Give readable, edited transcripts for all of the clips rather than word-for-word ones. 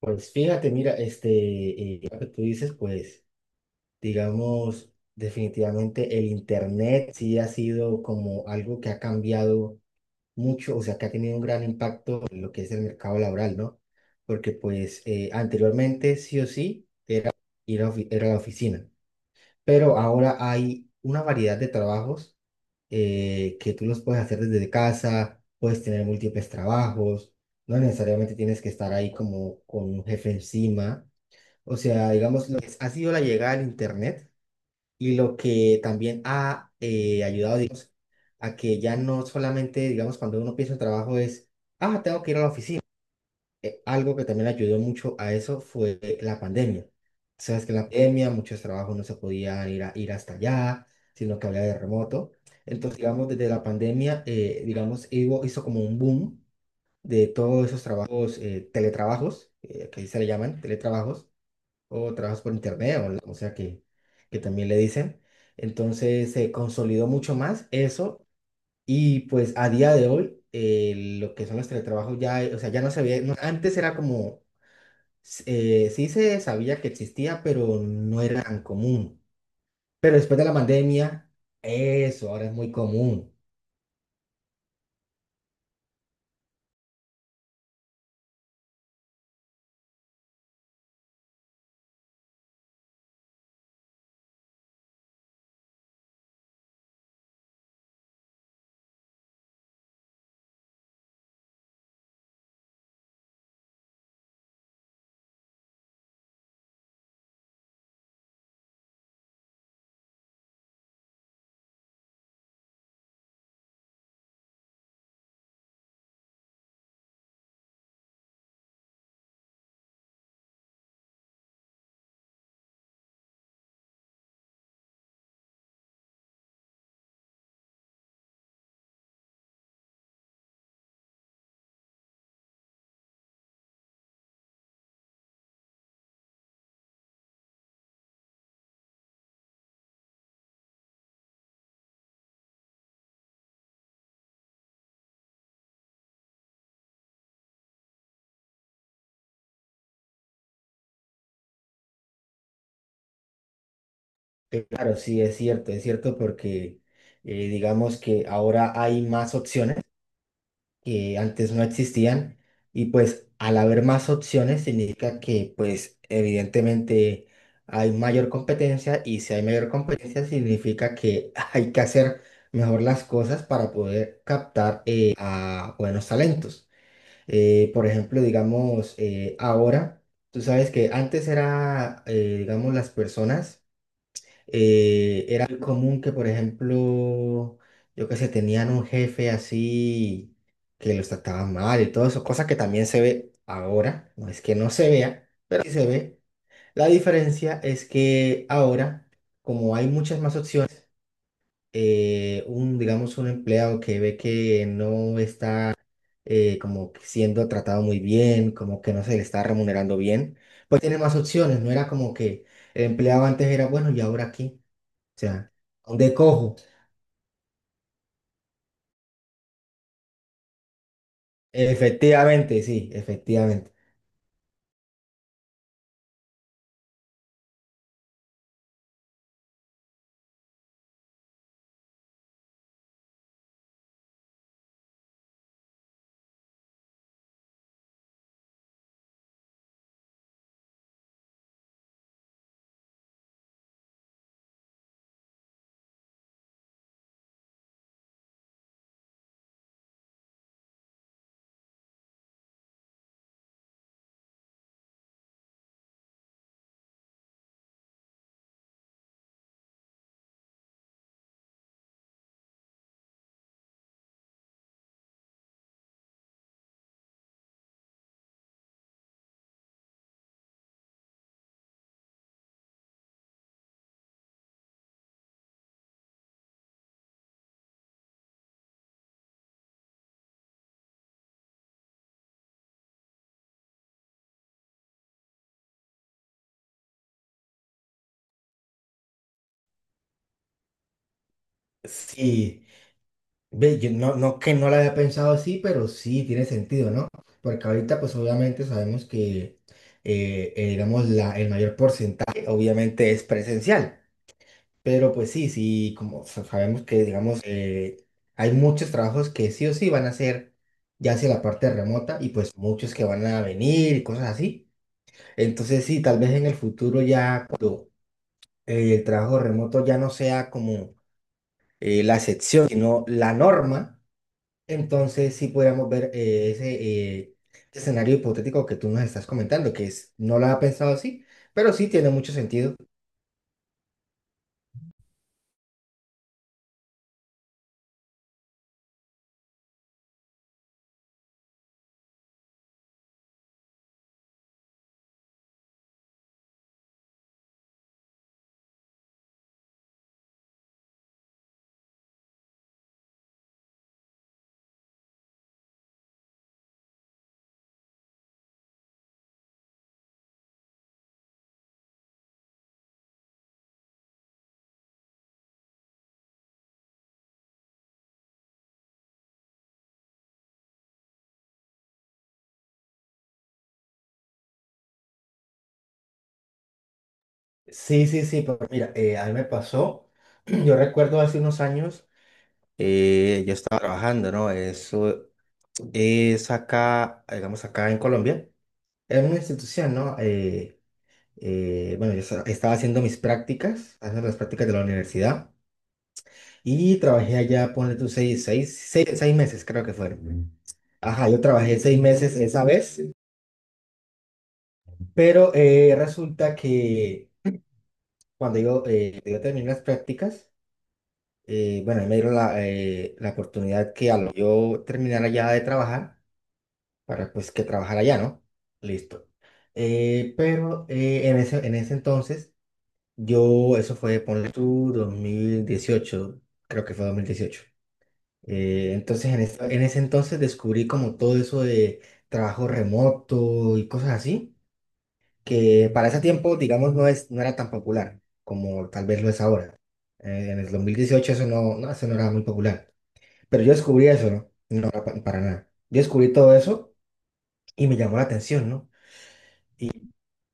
Pues fíjate, mira, este, lo que tú dices, pues, digamos, definitivamente el Internet sí ha sido como algo que ha cambiado mucho, o sea, que ha tenido un gran impacto en lo que es el mercado laboral, ¿no? Porque, pues, anteriormente sí o sí era la oficina, pero ahora hay una variedad de trabajos que tú los puedes hacer desde casa, puedes tener múltiples trabajos, no necesariamente tienes que estar ahí como con un jefe encima. O sea, digamos, lo que ha sido la llegada del Internet y lo que también ha ayudado, digamos, a que ya no solamente, digamos, cuando uno piensa en trabajo es, ah, tengo que ir a la oficina. Algo que también ayudó mucho a eso fue la pandemia. Sabes que en la pandemia muchos trabajos no se podían ir, ir hasta allá, sino que había de remoto. Entonces, digamos, desde la pandemia, digamos, hizo como un boom de todos esos trabajos, teletrabajos, que ahí se le llaman teletrabajos o trabajas por internet, o sea que también le dicen. Entonces se consolidó mucho más eso y pues a día de hoy lo que son los teletrabajos ya, o sea, ya no se ve, antes era como, sí se sabía que existía, pero no era tan común. Pero después de la pandemia, eso ahora es muy común. Claro, sí, es cierto, es cierto, porque digamos que ahora hay más opciones que antes no existían, y pues al haber más opciones significa que, pues, evidentemente hay mayor competencia, y si hay mayor competencia significa que hay que hacer mejor las cosas para poder captar a buenos talentos. Por ejemplo, digamos, ahora, tú sabes que antes era, digamos, las personas, era muy común que, por ejemplo, yo que sé, tenían un jefe así que los trataban mal y todo eso, cosa que también se ve ahora, no es que no se vea, pero sí se ve. La diferencia es que ahora, como hay muchas más opciones, un, digamos, un empleado que ve que no está como que siendo tratado muy bien, como que no se le está remunerando bien, pues tiene más opciones. No era como que el empleado antes era bueno y ahora aquí. O sea, de cojo. Efectivamente. Sí, ve, yo no, no que no la había pensado así, pero sí tiene sentido, ¿no? Porque ahorita, pues obviamente sabemos que, digamos, el mayor porcentaje obviamente es presencial, pero pues sí, sí, como sabemos que, digamos, hay muchos trabajos que sí o sí van a ser ya hacia la parte remota, y pues muchos que van a venir y cosas así. Entonces sí, tal vez en el futuro ya el trabajo remoto ya no sea como la excepción, sino la norma, entonces sí podríamos ver ese escenario hipotético que tú nos estás comentando, que es, no lo había pensado así, pero sí tiene mucho sentido. Sí, sí, sí, pero mira, a mí me pasó, yo recuerdo hace unos años, yo estaba trabajando, ¿no? Eso es acá, digamos acá en Colombia, en una institución, ¿no? Bueno, yo estaba haciendo mis prácticas, haciendo las prácticas de la universidad. Y trabajé allá, ponle tú seis meses, creo que fueron. Ajá, yo trabajé 6 meses esa vez, pero resulta que cuando yo terminé las prácticas, bueno, ahí me dieron la oportunidad que al yo terminar allá de trabajar, para pues que trabajar allá, ¿no? Listo. Pero en ese, entonces, yo, eso fue, ponle tú, 2018, creo que fue 2018. Entonces, en ese entonces descubrí como todo eso de trabajo remoto y cosas así, que para ese tiempo, digamos, no era tan popular como tal vez lo es ahora. En el 2018 eso no, no, eso no era muy popular. Pero yo descubrí eso, ¿no? No era para nada. Yo descubrí todo eso y me llamó la atención, ¿no?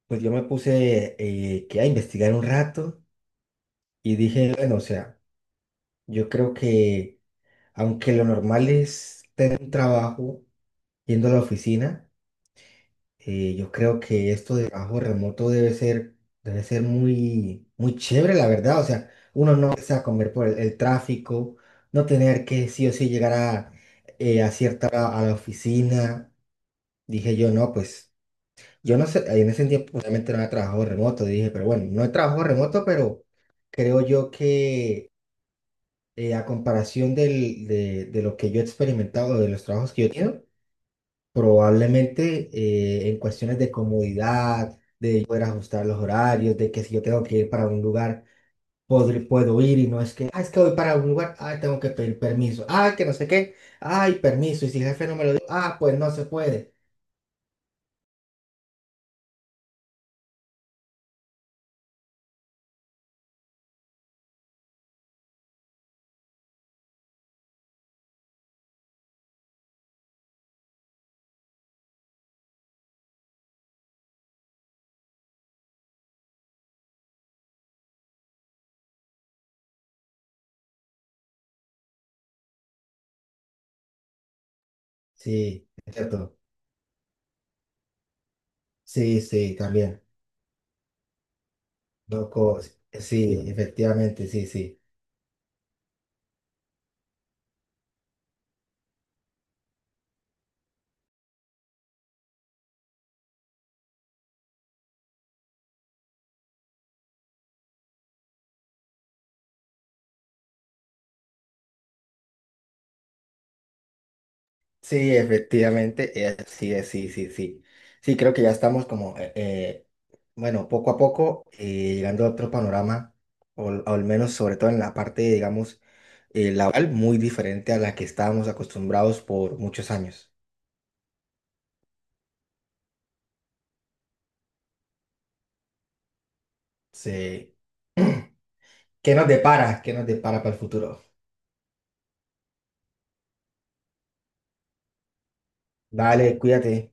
Pues yo me puse que a investigar un rato y dije, bueno, o sea, yo creo que aunque lo normal es tener un trabajo yendo a la oficina, yo creo que esto de trabajo remoto debe ser muy, muy chévere, la verdad. O sea, uno no se va a comer por el tráfico, no tener que sí o sí llegar a cierta hora a la oficina. Dije yo, no, pues yo no sé, en ese tiempo realmente no había trabajo remoto. Dije, pero bueno, no he trabajo remoto, pero creo yo que a comparación de lo que yo he experimentado, de los trabajos que yo he tenido, probablemente en cuestiones de comodidad poder ajustar los horarios, de que si yo tengo que ir para un lugar, puedo ir, y no es que, ah, es que voy para un lugar, ah, tengo que pedir permiso, ah, que no sé qué, ay, permiso, y si el jefe no me lo dio, ah, pues no se puede. Sí, es cierto. Sí, sí, también. Loco, sí, efectivamente, sí, sí. Sí, efectivamente, sí, sí, sí, sí. Sí, creo que ya estamos como, bueno, poco a poco llegando a otro panorama, o al menos sobre todo en la parte, digamos, laboral, muy diferente a la que estábamos acostumbrados por muchos años. Se- ¿Qué nos depara? ¿Qué nos depara para el futuro? Dale, cuídate.